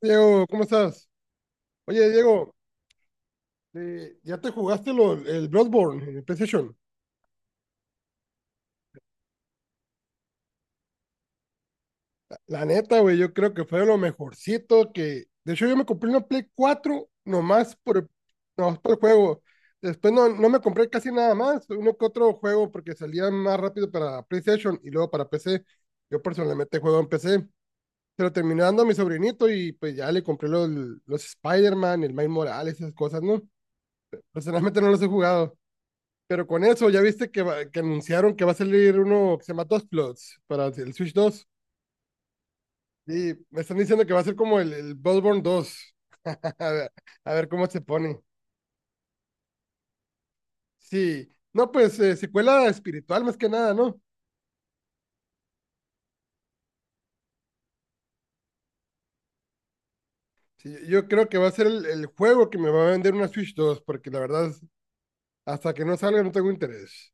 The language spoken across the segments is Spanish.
Diego, ¿cómo estás? Oye, Diego, ¿ya te jugaste el Bloodborne en el PlayStation? La neta, güey, yo creo que fue lo mejorcito que... De hecho, yo me compré una Play 4 nomás por el juego. Después no me compré casi nada más, uno que otro juego porque salía más rápido para PlayStation y luego para PC. Yo personalmente juego en PC, pero terminé dando a mi sobrinito y pues ya le compré los Spider-Man, el Miles Morales, esas cosas, ¿no? Personalmente no los he jugado. Pero con eso, ya viste que, que anunciaron que va a salir uno que se llama Dustblood para el Switch 2. Sí me están diciendo que va a ser como el Bloodborne 2. A ver, a ver cómo se pone. Sí, no, pues secuela espiritual más que nada, ¿no? Sí, yo creo que va a ser el juego que me va a vender una Switch 2, porque la verdad, hasta que no salga no tengo interés.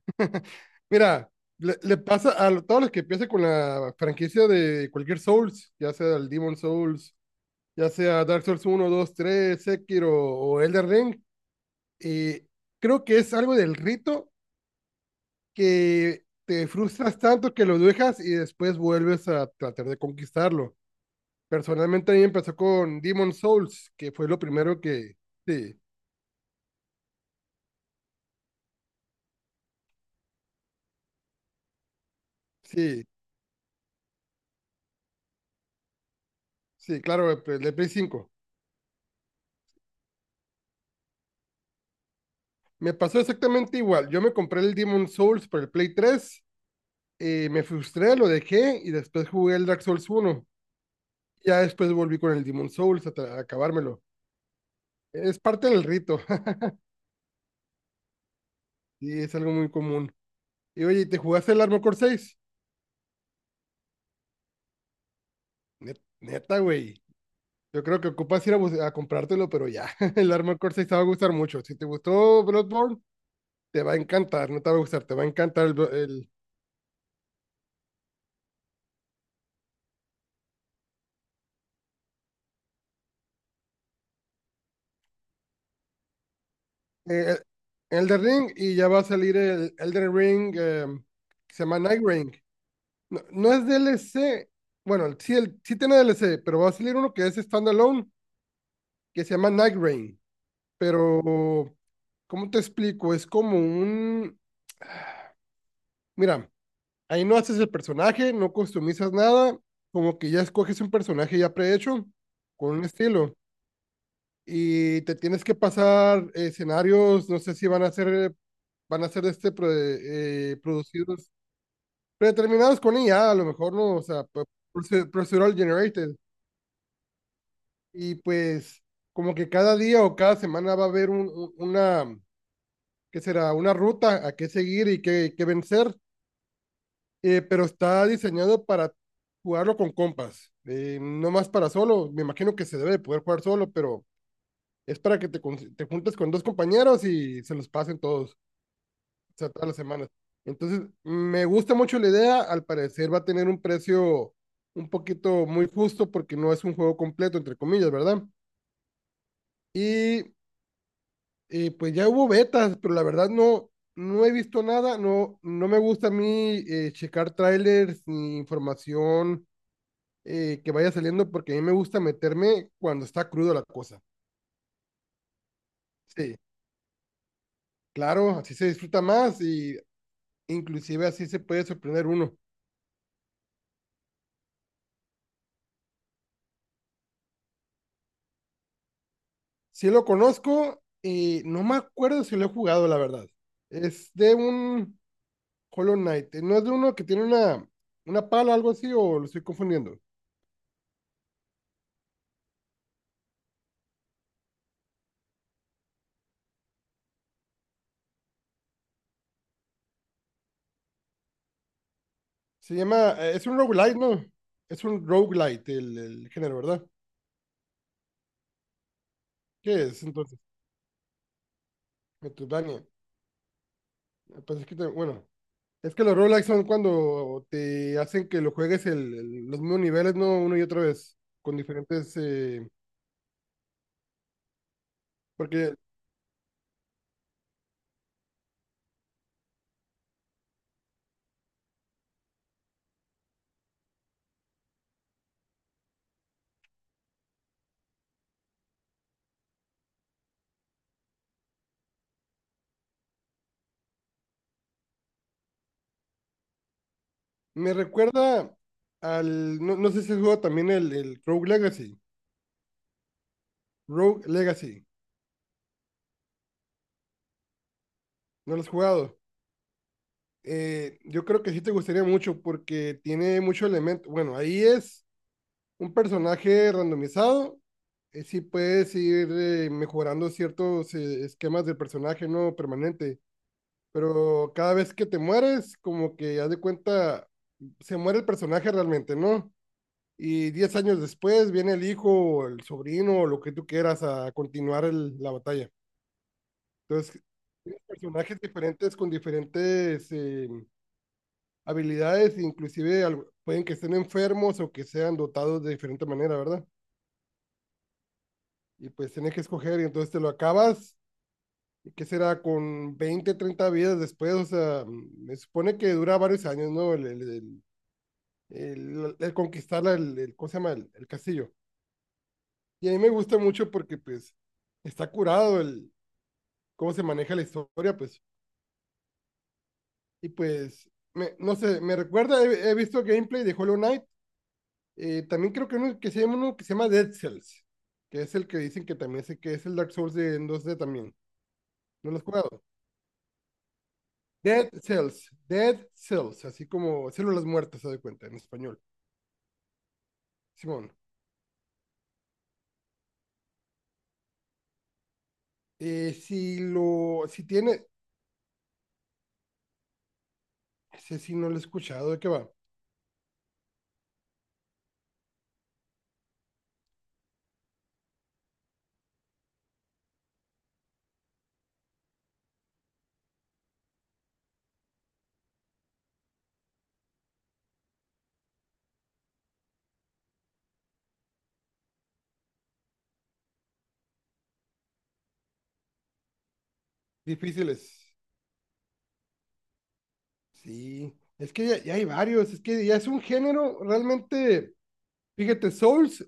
Mira, le pasa a todos los que empiezan con la franquicia de cualquier Souls, ya sea el Demon Souls, ya sea Dark Souls 1, 2, 3 Sekiro o Elden Ring. Y creo que es algo del rito, que te frustras tanto que lo dejas y después vuelves a tratar de conquistarlo. Personalmente a mí empezó con Demon Souls, que fue lo primero que... Sí, sí, sí, claro, el de Play 5. Me pasó exactamente igual. Yo me compré el Demon Souls por el Play 3. Me frustré, lo dejé y después jugué el Dark Souls 1. Ya después volví con el Demon Souls a, a acabármelo. Es parte del rito. Y es algo muy común. Y oye, ¿te jugaste el Armor Core 6? Neta, güey. Yo creo que ocupas ir a comprártelo, pero ya. El Armor Core 6 te va a gustar mucho. Si te gustó Bloodborne, te va a encantar. No te va a gustar, te va a encantar el, eh, Elden Ring. Y ya va a salir el Elden Ring, que se llama Night Ring. No, no es DLC. Bueno, sí, sí tiene DLC, pero va a salir uno que es standalone, que se llama Night Rain. Pero ¿cómo te explico? Es como un, mira, ahí no haces el personaje, no customizas nada, como que ya escoges un personaje ya prehecho, con un estilo, y te tienes que pasar escenarios. No sé si van a ser, van a ser este producidos, predeterminados con IA, a lo mejor no, o sea, procedural generated. Y pues como que cada día o cada semana va a haber una, ¿qué será? Una ruta a qué seguir y qué vencer. Pero está diseñado para jugarlo con compas, no más para solo. Me imagino que se debe de poder jugar solo, pero es para que te, te juntes con dos compañeros y se los pasen todos, o sea, todas las semanas. Entonces, me gusta mucho la idea. Al parecer va a tener un precio un poquito muy justo, porque no es un juego completo, entre comillas, ¿verdad? Y pues ya hubo betas, pero la verdad no, no he visto nada. No, no me gusta a mí checar trailers ni información que vaya saliendo, porque a mí me gusta meterme cuando está crudo la cosa. Sí, claro, así se disfruta más, y inclusive así se puede sorprender uno. Si lo conozco, no me acuerdo si lo he jugado, la verdad. Es de un Hollow Knight, no es de uno que tiene una pala o algo así, o lo estoy confundiendo. Se llama, es un roguelite, ¿no? Es un roguelite el género, ¿verdad? ¿Qué es entonces? Metroidvania. Ah, pues es que, bueno, es que los roguelikes son cuando te hacen que lo juegues los mismos niveles, ¿no? Uno y otra vez, con diferentes... porque me recuerda al... No, no sé si has jugado también el Rogue Legacy. Rogue Legacy. ¿No lo has jugado? Yo creo que sí te gustaría mucho, porque tiene mucho elemento. Bueno, ahí es un personaje randomizado. Sí puedes ir mejorando ciertos esquemas del personaje, ¿no? Permanente, pero cada vez que te mueres, como que haz de cuenta, se muere el personaje realmente, ¿no? Y 10 años después viene el hijo, o el sobrino, o lo que tú quieras, a continuar la batalla. Entonces, tienes personajes diferentes con diferentes habilidades, inclusive pueden que estén enfermos o que sean dotados de diferente manera, ¿verdad? Y pues tienes que escoger, y entonces te lo acabas. ¿Y qué será? Con 20 30 vidas después, o sea, me supone que dura varios años, ¿no? El conquistar el ¿cómo se llama? El castillo. Y a mí me gusta mucho, porque pues está curado el cómo se maneja la historia, pues. Y pues, no sé, me recuerda, he visto gameplay de Hollow Knight. También creo que, uno que se llama Dead Cells, que es el que dicen que también sé que es el Dark Souls en 2D también. ¿No lo has jugado? Dead Cells, Dead Cells, así como células muertas, se da cuenta, en español. Simón. Si lo, si tiene, no sé, si no lo he escuchado, ¿de qué va? Difíciles. Sí. Es que ya, ya hay varios. Es que ya es un género realmente. Fíjate, Souls,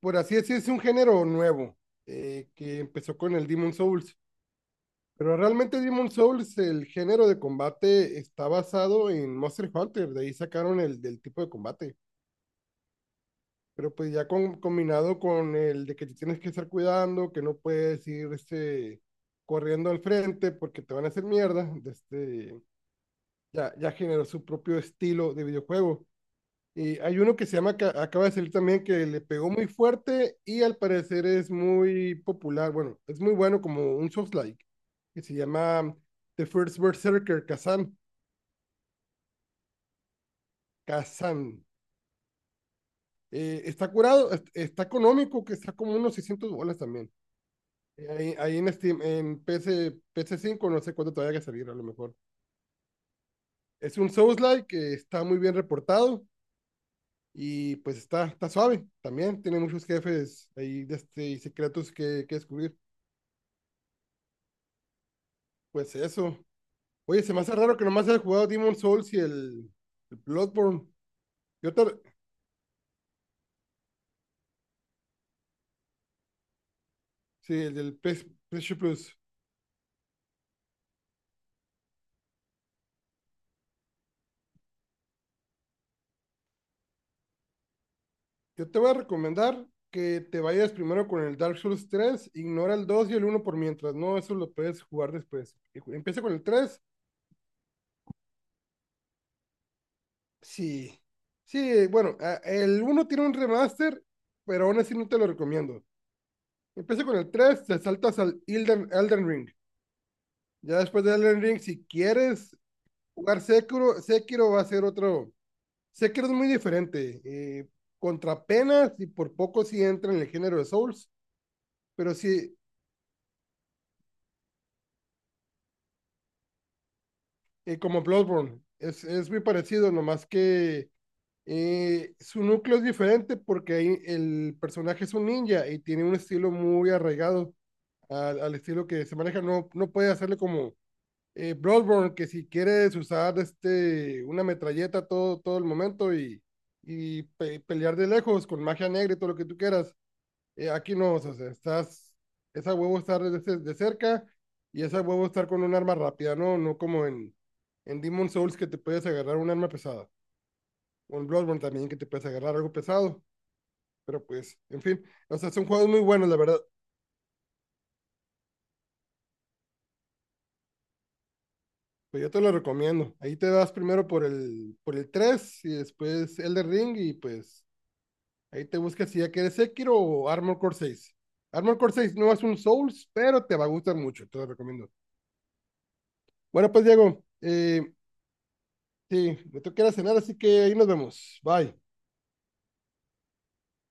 por así decir, es un género nuevo que empezó con el Demon Souls. Pero realmente Demon Souls, el género de combate está basado en Monster Hunter. De ahí sacaron el del tipo de combate. Pero pues ya combinado con el de que te tienes que estar cuidando, que no puedes ir este, corriendo al frente, porque te van a hacer mierda. Ya, ya generó su propio estilo de videojuego. Y hay uno que se llama, que acaba de salir también, que le pegó muy fuerte y al parecer es muy popular. Bueno, es muy bueno como un soft like, que se llama The First Berserker, Kazan. Kazan. Está curado, está económico, que está como unos 600 bolas también. Ahí, ahí en Steam, en P C, P C cinco no sé cuánto todavía hay que salir, a lo mejor. Es un Souls-like que está muy bien reportado, y pues está, está suave también. Tiene muchos jefes ahí de este, y secretos que descubrir. Pues eso. Oye, se me hace raro que nomás haya jugado Demon's Souls y el Bloodborne. Yo te, sí, el del PS, PS Plus. Yo te voy a recomendar que te vayas primero con el Dark Souls 3. Ignora el 2 y el uno por mientras, no, eso lo puedes jugar después. Y empieza con el tres. Sí, Sí, bueno, el uno tiene un remaster, pero aún así no te lo recomiendo. Empieza con el tres, te saltas al Elden, Elden Ring. Ya después de Elden Ring, si quieres jugar Sekiro, Sekiro va a ser otro. Sé que eres muy diferente. Contra penas y por poco sí entra en el género de Souls, pero sí, como Bloodborne, es muy parecido, nomás que su núcleo es diferente, porque ahí el personaje es un ninja y tiene un estilo muy arraigado al estilo que se maneja. No, no puede hacerle como Bloodborne, que si quieres usar una metralleta todo el momento, y y pelear de lejos con magia negra y todo lo que tú quieras. Aquí no, o sea, esa huevo estar de cerca, y esa huevo estar con un arma rápida, ¿no? No como en, Demon Souls, que te puedes agarrar un arma pesada, o en Bloodborne también, que te puedes agarrar algo pesado, pero pues, en fin, o sea, son juegos muy buenos, la verdad. Pues yo te lo recomiendo. Ahí te vas primero por el tres, y después Elder Ring, y pues ahí te buscas si ya quieres Sekiro o Armor Core 6. Armor Core seis no es un Souls, pero te va a gustar mucho, te lo recomiendo. Bueno, pues Diego, sí, me tengo que ir a cenar, así que ahí nos vemos. Bye.